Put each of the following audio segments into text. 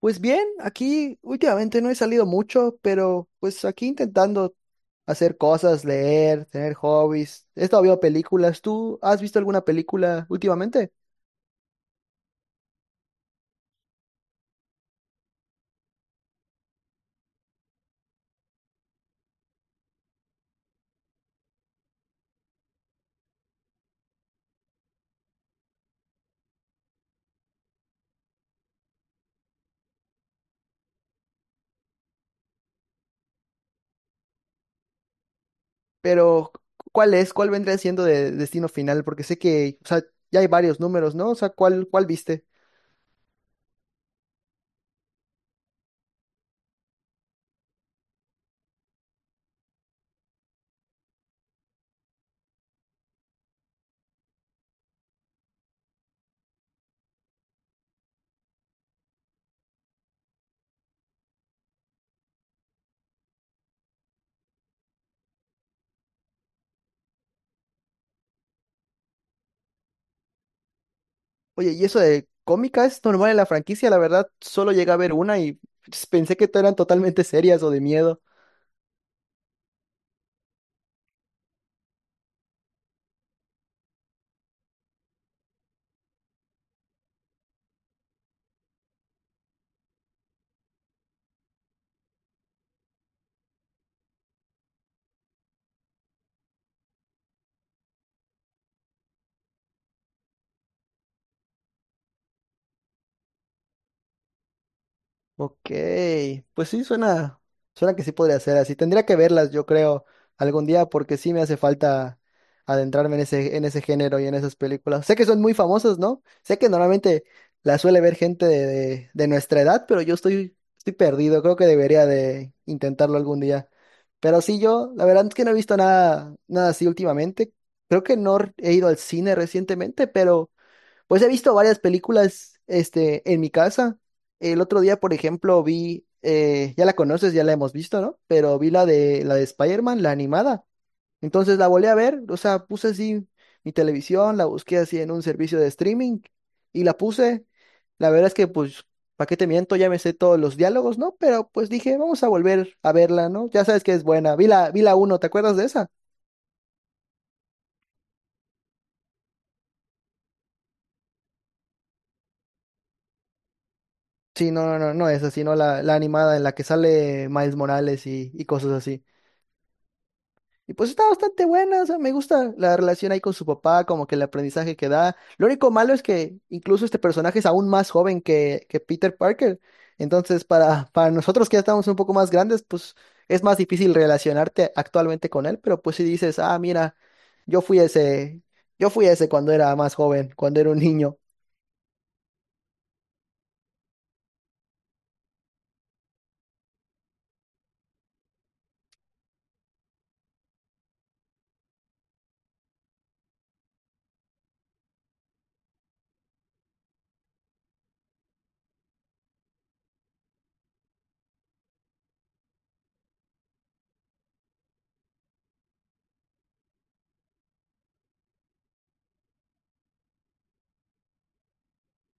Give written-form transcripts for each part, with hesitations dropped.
Pues bien, aquí últimamente no he salido mucho, pero pues aquí intentando hacer cosas, leer, tener hobbies. He estado viendo películas. ¿Tú has visto alguna película últimamente? Pero, ¿cuál es? ¿Cuál vendría siendo de Destino Final? Porque sé que, o sea, ya hay varios números, ¿no? O sea, ¿cuál viste? Oye, y eso de cómica es normal en la franquicia, la verdad, solo llegué a ver una y pues, pensé que eran totalmente serias o de miedo. Ok, pues sí, suena que sí podría ser así. Tendría que verlas, yo creo, algún día, porque sí me hace falta adentrarme en ese género y en esas películas. Sé que son muy famosas, ¿no? Sé que normalmente las suele ver gente de, de nuestra edad, pero estoy perdido. Creo que debería de intentarlo algún día. Pero sí, yo, la verdad es que no he visto nada, nada así últimamente. Creo que no he ido al cine recientemente, pero… Pues he visto varias películas, este, en mi casa. El otro día, por ejemplo, vi, ya la conoces, ya la hemos visto, ¿no? Pero vi la de Spider-Man, la animada. Entonces la volví a ver, o sea, puse así mi televisión, la busqué así en un servicio de streaming y la puse. La verdad es que, pues, ¿para qué te miento? Ya me sé todos los diálogos, ¿no? Pero pues dije, vamos a volver a verla, ¿no? Ya sabes que es buena. Vi la uno, ¿te acuerdas de esa? Sí, no, no, no, no esa, sino la, la animada en la que sale Miles Morales y cosas así. Y pues está bastante buena, o sea, me gusta la relación ahí con su papá, como que el aprendizaje que da. Lo único malo es que incluso este personaje es aún más joven que Peter Parker. Entonces, para nosotros que ya estamos un poco más grandes, pues es más difícil relacionarte actualmente con él, pero pues si dices, ah, mira, yo fui ese, yo fui ese cuando era más joven, cuando era un niño.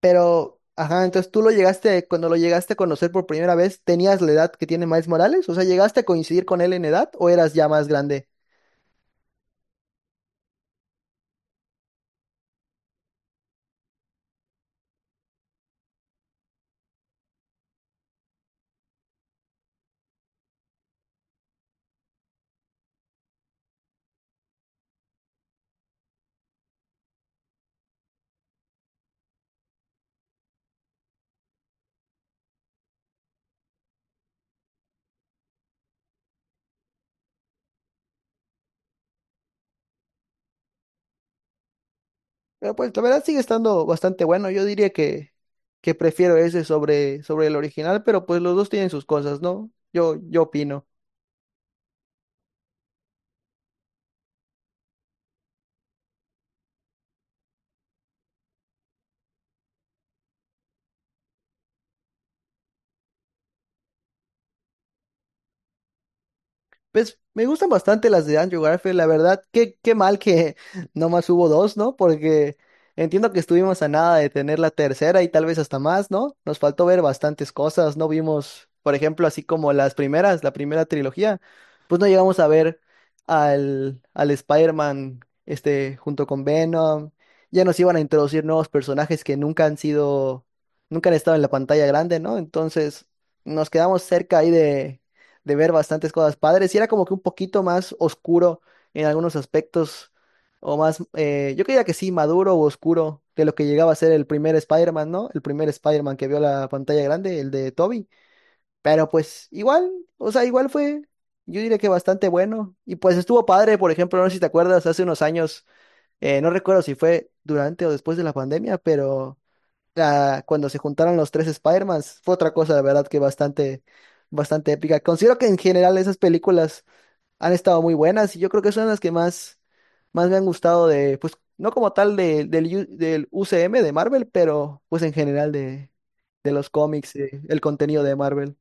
Pero, ajá, entonces tú lo llegaste, cuando lo llegaste a conocer por primera vez, ¿tenías la edad que tiene Miles Morales? O sea, ¿llegaste a coincidir con él en edad o eras ya más grande? Pero pues la verdad sigue estando bastante bueno. Yo diría que prefiero ese sobre el original, pero pues los dos tienen sus cosas, ¿no? Yo opino. Pues me gustan bastante las de Andrew Garfield, la verdad. Qué mal que nomás hubo dos, ¿no? Porque entiendo que estuvimos a nada de tener la tercera y tal vez hasta más, ¿no? Nos faltó ver bastantes cosas, no vimos, por ejemplo, así como las primeras, la primera trilogía, pues no llegamos a ver al, al Spider-Man este, junto con Venom. Ya nos iban a introducir nuevos personajes que nunca han sido, nunca han estado en la pantalla grande, ¿no? Entonces nos quedamos cerca ahí de ver bastantes cosas padres y era como que un poquito más oscuro en algunos aspectos o más, yo creía que sí, maduro o oscuro de lo que llegaba a ser el primer Spider-Man, ¿no? El primer Spider-Man que vio la pantalla grande, el de Tobey. Pero pues igual, o sea, igual fue, yo diría que bastante bueno y pues estuvo padre, por ejemplo, no sé si te acuerdas, hace unos años, no recuerdo si fue durante o después de la pandemia, pero cuando se juntaron los tres Spider-Mans, fue otra cosa, la verdad, que bastante, bastante épica. Considero que en general esas películas han estado muy buenas y yo creo que son las que más, más me han gustado de, pues, no como tal del UCM de Marvel, pero pues en general de los cómics, el contenido de Marvel.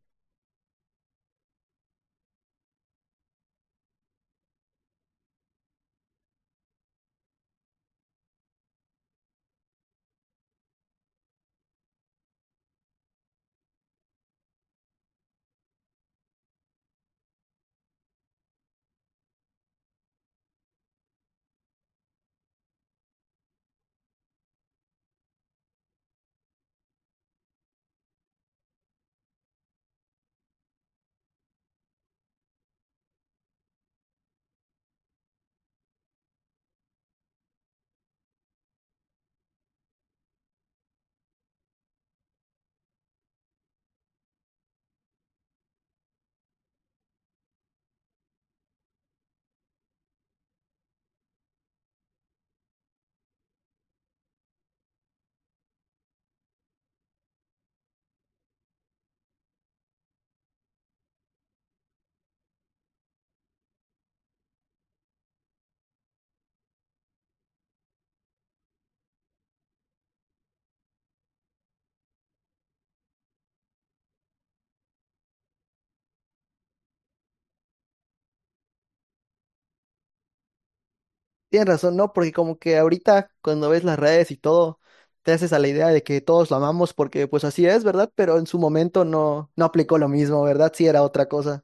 Tienes razón, ¿no? Porque como que ahorita cuando ves las redes y todo, te haces a la idea de que todos lo amamos porque pues así es, ¿verdad? Pero en su momento no, no aplicó lo mismo, ¿verdad? Sí era otra cosa.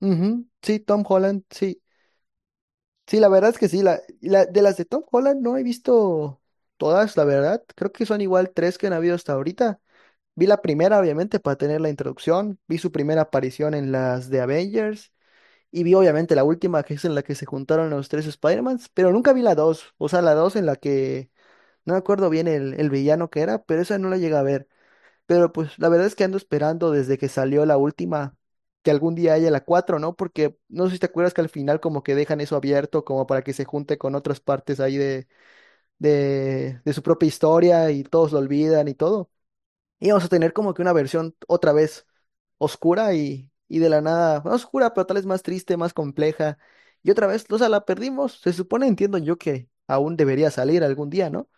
Ujú. Sí, Tom Holland, sí. Sí, la verdad es que sí. La, de las de Tom Holland no he visto todas, la verdad. Creo que son igual tres que han habido hasta ahorita. Vi la primera, obviamente, para tener la introducción. Vi su primera aparición en las de Avengers. Y vi, obviamente, la última, que es en la que se juntaron los tres Spider-Mans. Pero nunca vi la dos. O sea, la dos en la que no me acuerdo bien el villano que era, pero esa no la llegué a ver. Pero pues la verdad es que ando esperando desde que salió la última, que algún día haya la cuatro, ¿no? Porque no sé si te acuerdas que al final como que dejan eso abierto como para que se junte con otras partes ahí de, de su propia historia y todos lo olvidan y todo íbamos a tener como que una versión otra vez oscura y de la nada, no oscura, pero tal vez más triste, más compleja. Y otra vez, o sea, la perdimos. Se supone, entiendo yo que aún debería salir algún día, ¿no?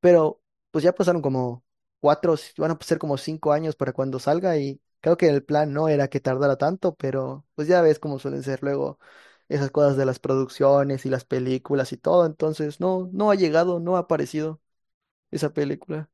Pero pues ya pasaron como cuatro, si, van a ser como cinco años para cuando salga y creo que el plan no era que tardara tanto, pero pues ya ves cómo suelen ser luego esas cosas de las producciones y las películas y todo. Entonces, no, no ha llegado, no ha aparecido esa película.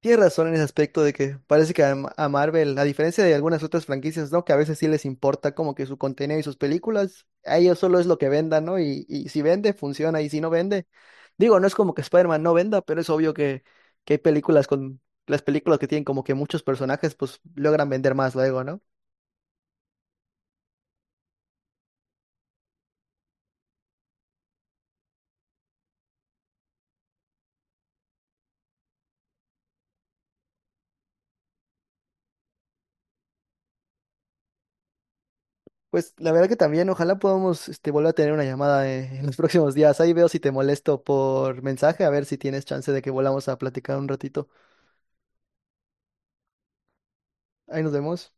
Tienes razón en ese aspecto de que parece que a, a Marvel, a diferencia de algunas otras franquicias, ¿no? Que a veces sí les importa como que su contenido y sus películas, a ellos solo es lo que vendan, ¿no? Y si vende, funciona, y si no vende, digo, no es como que Spider-Man no venda, pero es obvio que hay películas con, las películas que tienen como que muchos personajes, pues logran vender más luego, ¿no? Pues la verdad que también, ojalá podamos, este, volver a tener una llamada, en los próximos días. Ahí veo si te molesto por mensaje, a ver si tienes chance de que volvamos a platicar un ratito. Ahí nos vemos.